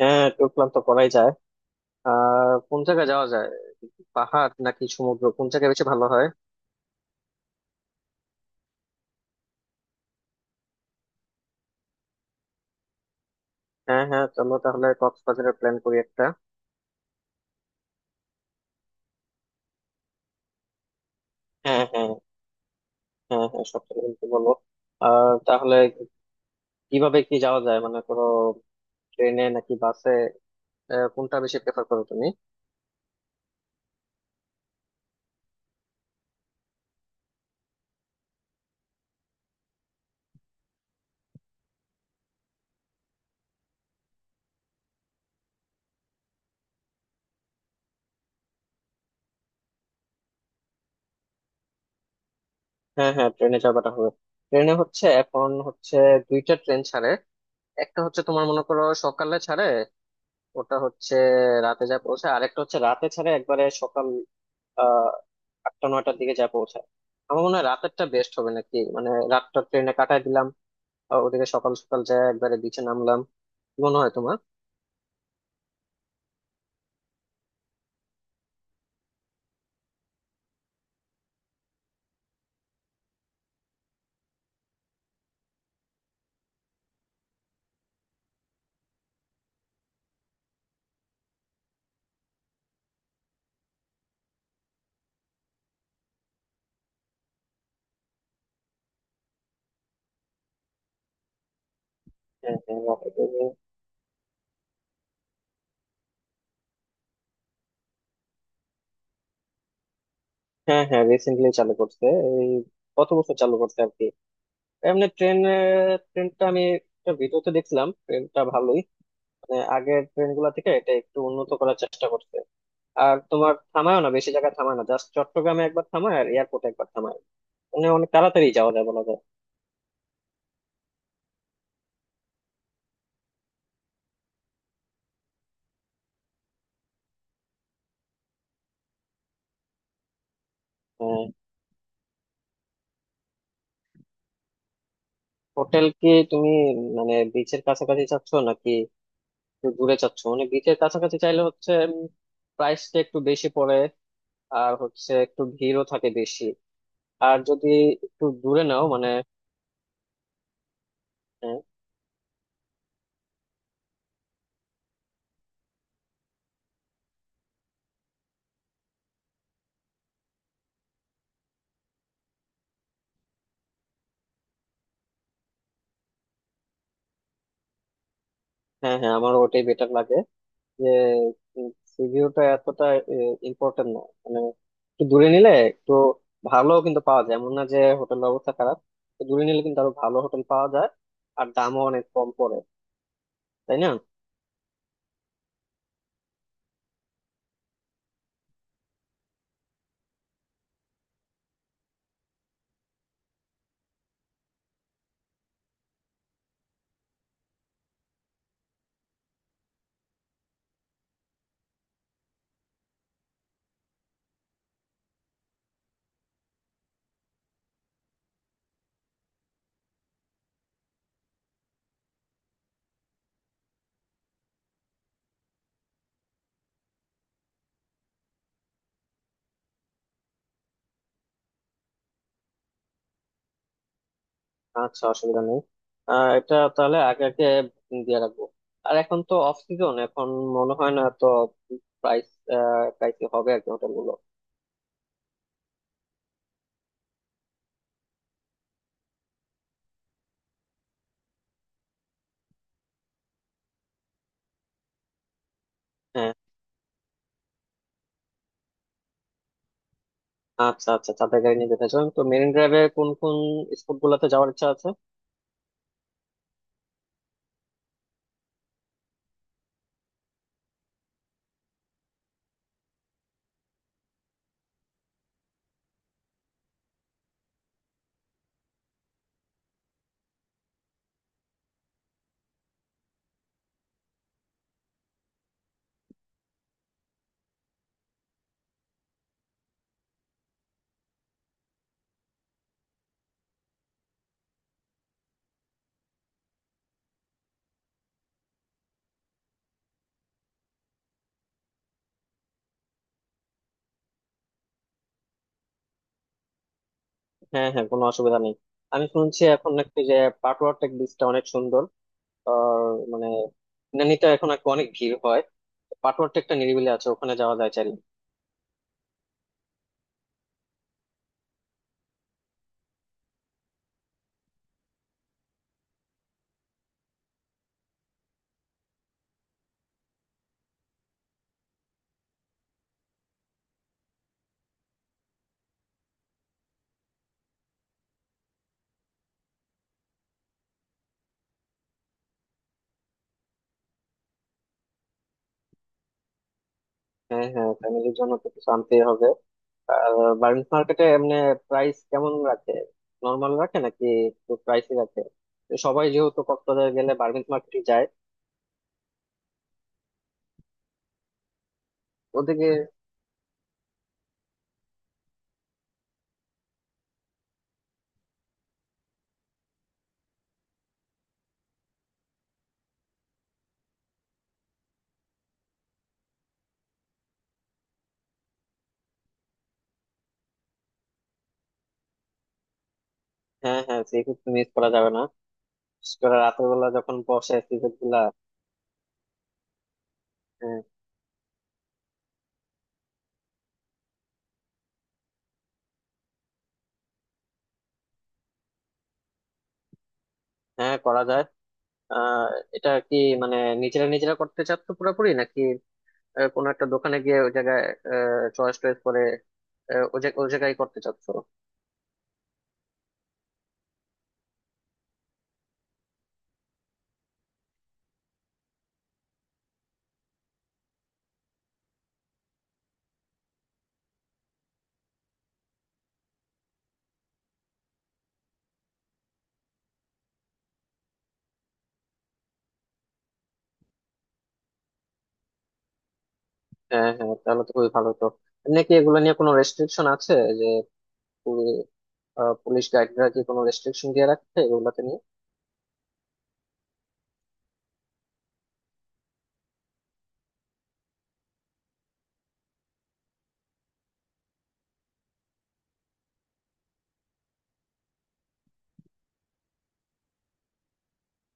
হ্যাঁ tour plan তো করাই যায়। আর কোন জায়গায় যাওয়া যায়? পাহাড় নাকি সমুদ্র, কোন জায়গায় বেশি ভালো হয়? হ্যাঁ হ্যাঁ চলো তাহলে কক্সবাজারের প্ল্যান করি একটা। হ্যাঁ হ্যাঁ। হ্যাঁ হ্যাঁ সব থেকে কিন্তু বলো। আর তাহলে কিভাবে কি যাওয়া যায়, মানে কোনো ট্রেনে নাকি বাসে? কোনটা বেশি প্রেফার করো তুমি? হ্যাঁ হ্যাঁ ট্রেনে যাওয়াটা হবে। ট্রেনে হচ্ছে এখন হচ্ছে দুইটা ট্রেন ছাড়ে। একটা হচ্ছে তোমার মনে করো সকালে ছাড়ে, ওটা হচ্ছে রাতে যা পৌঁছে। আরেকটা হচ্ছে রাতে ছাড়ে, একবারে সকাল আহ 8টা 9টার দিকে যা পৌঁছায়। আমার মনে হয় রাতেরটা বেস্ট হবে, নাকি মানে রাতটা ট্রেনে কাটায় দিলাম আর ওদিকে সকাল সকাল যায় একবারে বিচে নামলাম। কি মনে হয় তোমার? হ্যাঁ হ্যাঁ রাতে- হ্যাঁ হ্যাঁ রিসেন্টলি চালু করছে। এই কত বছর চালু করছে আর কি, এমনি ট্রেন। ট্রেনটা আমি একটা ভিডিওতে দেখছিলাম, ট্রেনটা ভালোই, মানে আগের ট্রেন গুলা থেকে এটা একটু উন্নত করার চেষ্টা করছে। আর তোমার থামায় না, বেশি জায়গায় থামায় না, জাস্ট চট্টগ্রামে একবার থামায় আর এয়ারপোর্টে একবার থামায়। মানে অনেক তাড়াতাড়ি যাওয়া যায় বলা যায়। হ্যাঁ। হোটেল কি তুমি মানে বিচের কাছাকাছি চাচ্ছ নাকি একটু দূরে চাচ্ছ? মানে বিচের কাছাকাছি চাইলে হচ্ছে প্রাইসটা একটু বেশি পড়ে, আর হচ্ছে একটু ভিড়ও থাকে বেশি। আর যদি একটু দূরে নাও মানে আহ, হ্যাঁ হ্যাঁ আমার ওটাই বেটার লাগে। যে সি ভিউটা এতটা ইম্পর্টেন্ট না মানে, একটু দূরে নিলে একটু ভালো কিন্তু পাওয়া যায়, এমন না যে হোটেলের অবস্থা খারাপ। তো দূরে নিলে কিন্তু আরো ভালো হোটেল পাওয়া যায় আর দামও অনেক কম পড়ে। তাই না? আচ্ছা অসুবিধা নেই। এটা তাহলে আগে আগে দিয়ে রাখবো। আর এখন তো অফ সিজন, এখন মনে হয় না তো প্রাইস প্রাইসই হবে আর কি হোটেল গুলো। হ্যাঁ। আচ্ছা আচ্ছা চাঁদের গাড়ি নিয়ে যেতে চান, তো মেরিন ড্রাইভে কোন কোন স্পট গুলাতে যাওয়ার ইচ্ছা আছে? হ্যাঁ হ্যাঁ কোনো অসুবিধা নেই। আমি শুনছি এখন নাকি যে পাটওয়ার টেক বিচটা অনেক সুন্দর। আর মানে ইনানিতে এখন নাকি অনেক ভিড় হয়, পাটওয়ার টেকটা নিরিবিলি আছে, ওখানে যাওয়া যায় চাইলে। হ্যাঁ হ্যাঁ ফ্যামিলির জন্য তো কিছু আনতেই হবে। বার্মিজ মার্কেটে এমনি প্রাইস কেমন রাখে? নর্মাল রাখে নাকি একটু প্রাইসই রাখে? তো সবাই যেহেতু কক্সবাজার গেলে বার্মিজ মার্কেটে যায় ওদিকে। হ্যাঁ হ্যাঁ সি ফুড মিস করা যাবে না, বিশেষ করে রাতের বেলা যখন বসে সি ফুড গুলা। হ্যাঁ, হ্যাঁ, করা যায়। আহ এটা কি মানে নিজেরা নিজেরা করতে চাচ্ছ পুরোপুরি, নাকি কোনো একটা দোকানে গিয়ে ওই জায়গায় চয়েস টয়েস করে ওই জায়গায় করতে চাচ্ছ? হ্যাঁ হ্যাঁ তাহলে তো খুবই ভালো তো। এমনি কি এগুলো নিয়ে কোনো রেস্ট্রিকশন আছে? যে পুলিশ গাইডরা কি কোনো রেস্ট্রিকশন দিয়ে রাখছে এগুলাতে নিয়ে?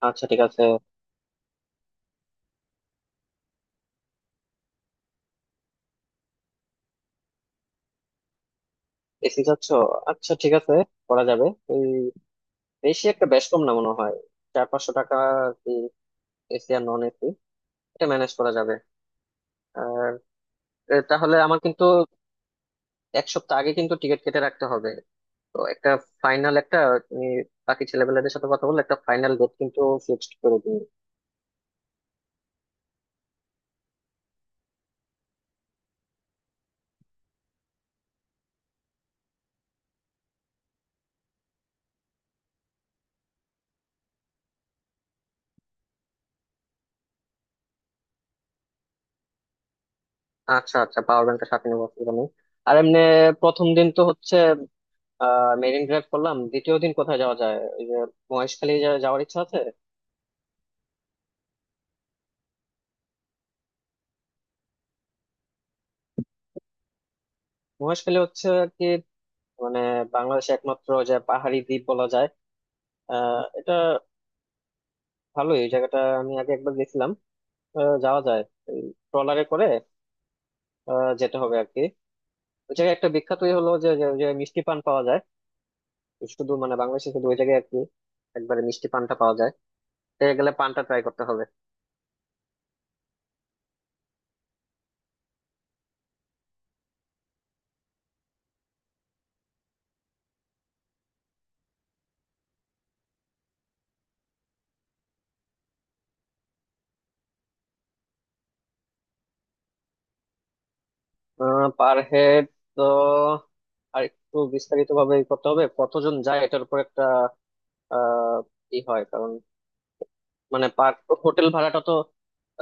আচ্ছা ঠিক আছে। এসি যাচ্ছ? আচ্ছা ঠিক আছে করা যাবে। ওই বেশি একটা, বেশ কম না মনে হয়, 400-500 টাকা আর কি এসি আর নন এসি। এটা ম্যানেজ করা যাবে। আর তাহলে আমার কিন্তু 1 সপ্তাহ আগে কিন্তু টিকিট কেটে রাখতে হবে। তো একটা ফাইনাল একটা, তুমি বাকি ছেলেপেলেদের সাথে কথা বলে একটা ফাইনাল ডেট কিন্তু ফিক্সড করে দিই। আচ্ছা আচ্ছা পাওয়ার ব্যাংকটা সাথে নেবো, অসুবিধা নেই। আর এমনি প্রথম দিন তো হচ্ছে মেরিন ড্রাইভ করলাম, দ্বিতীয় দিন কোথায় যাওয়া যায়? ওই যে মহেশখালী যাওয়ার ইচ্ছা আছে। মহেশখালী হচ্ছে আর কি মানে বাংলাদেশে একমাত্র যে পাহাড়ি দ্বীপ বলা যায়। এটা ভালোই, এই জায়গাটা আমি আগে একবার গেছিলাম। যাওয়া যায় ট্রলারে করে, যেতে হবে আর কি। ওই জায়গায় একটা বিখ্যাতই হলো যে যে যে মিষ্টি পান পাওয়া যায়। শুধু মানে বাংলাদেশে শুধু ওই জায়গায় আর কি একবারে মিষ্টি পানটা পাওয়া যায়। সে গেলে পানটা ট্রাই করতে হবে। পার হেড তো আর একটু বিস্তারিত ভাবে করতে হবে, কতজন যায় এটার উপর একটা আহ ই হয়। কারণ মানে পার হোটেল ভাড়াটা তো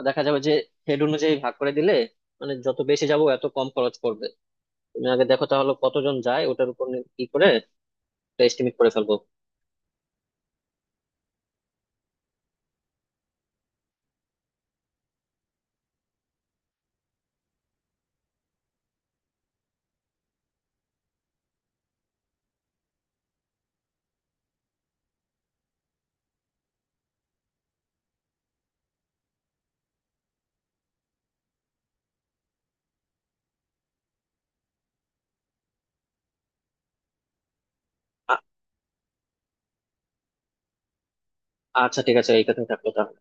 দেখা যাবে যে হেড অনুযায়ী ভাগ করে দিলে মানে যত বেশি যাব এত কম খরচ পড়বে। তুমি আগে দেখো তাহলে কতজন যায়, ওটার উপর কি করে এস্টিমেট করে ফেলবো। আ- আচ্ছা ঠিক আছে এই কথাই থাকলো তাহলে।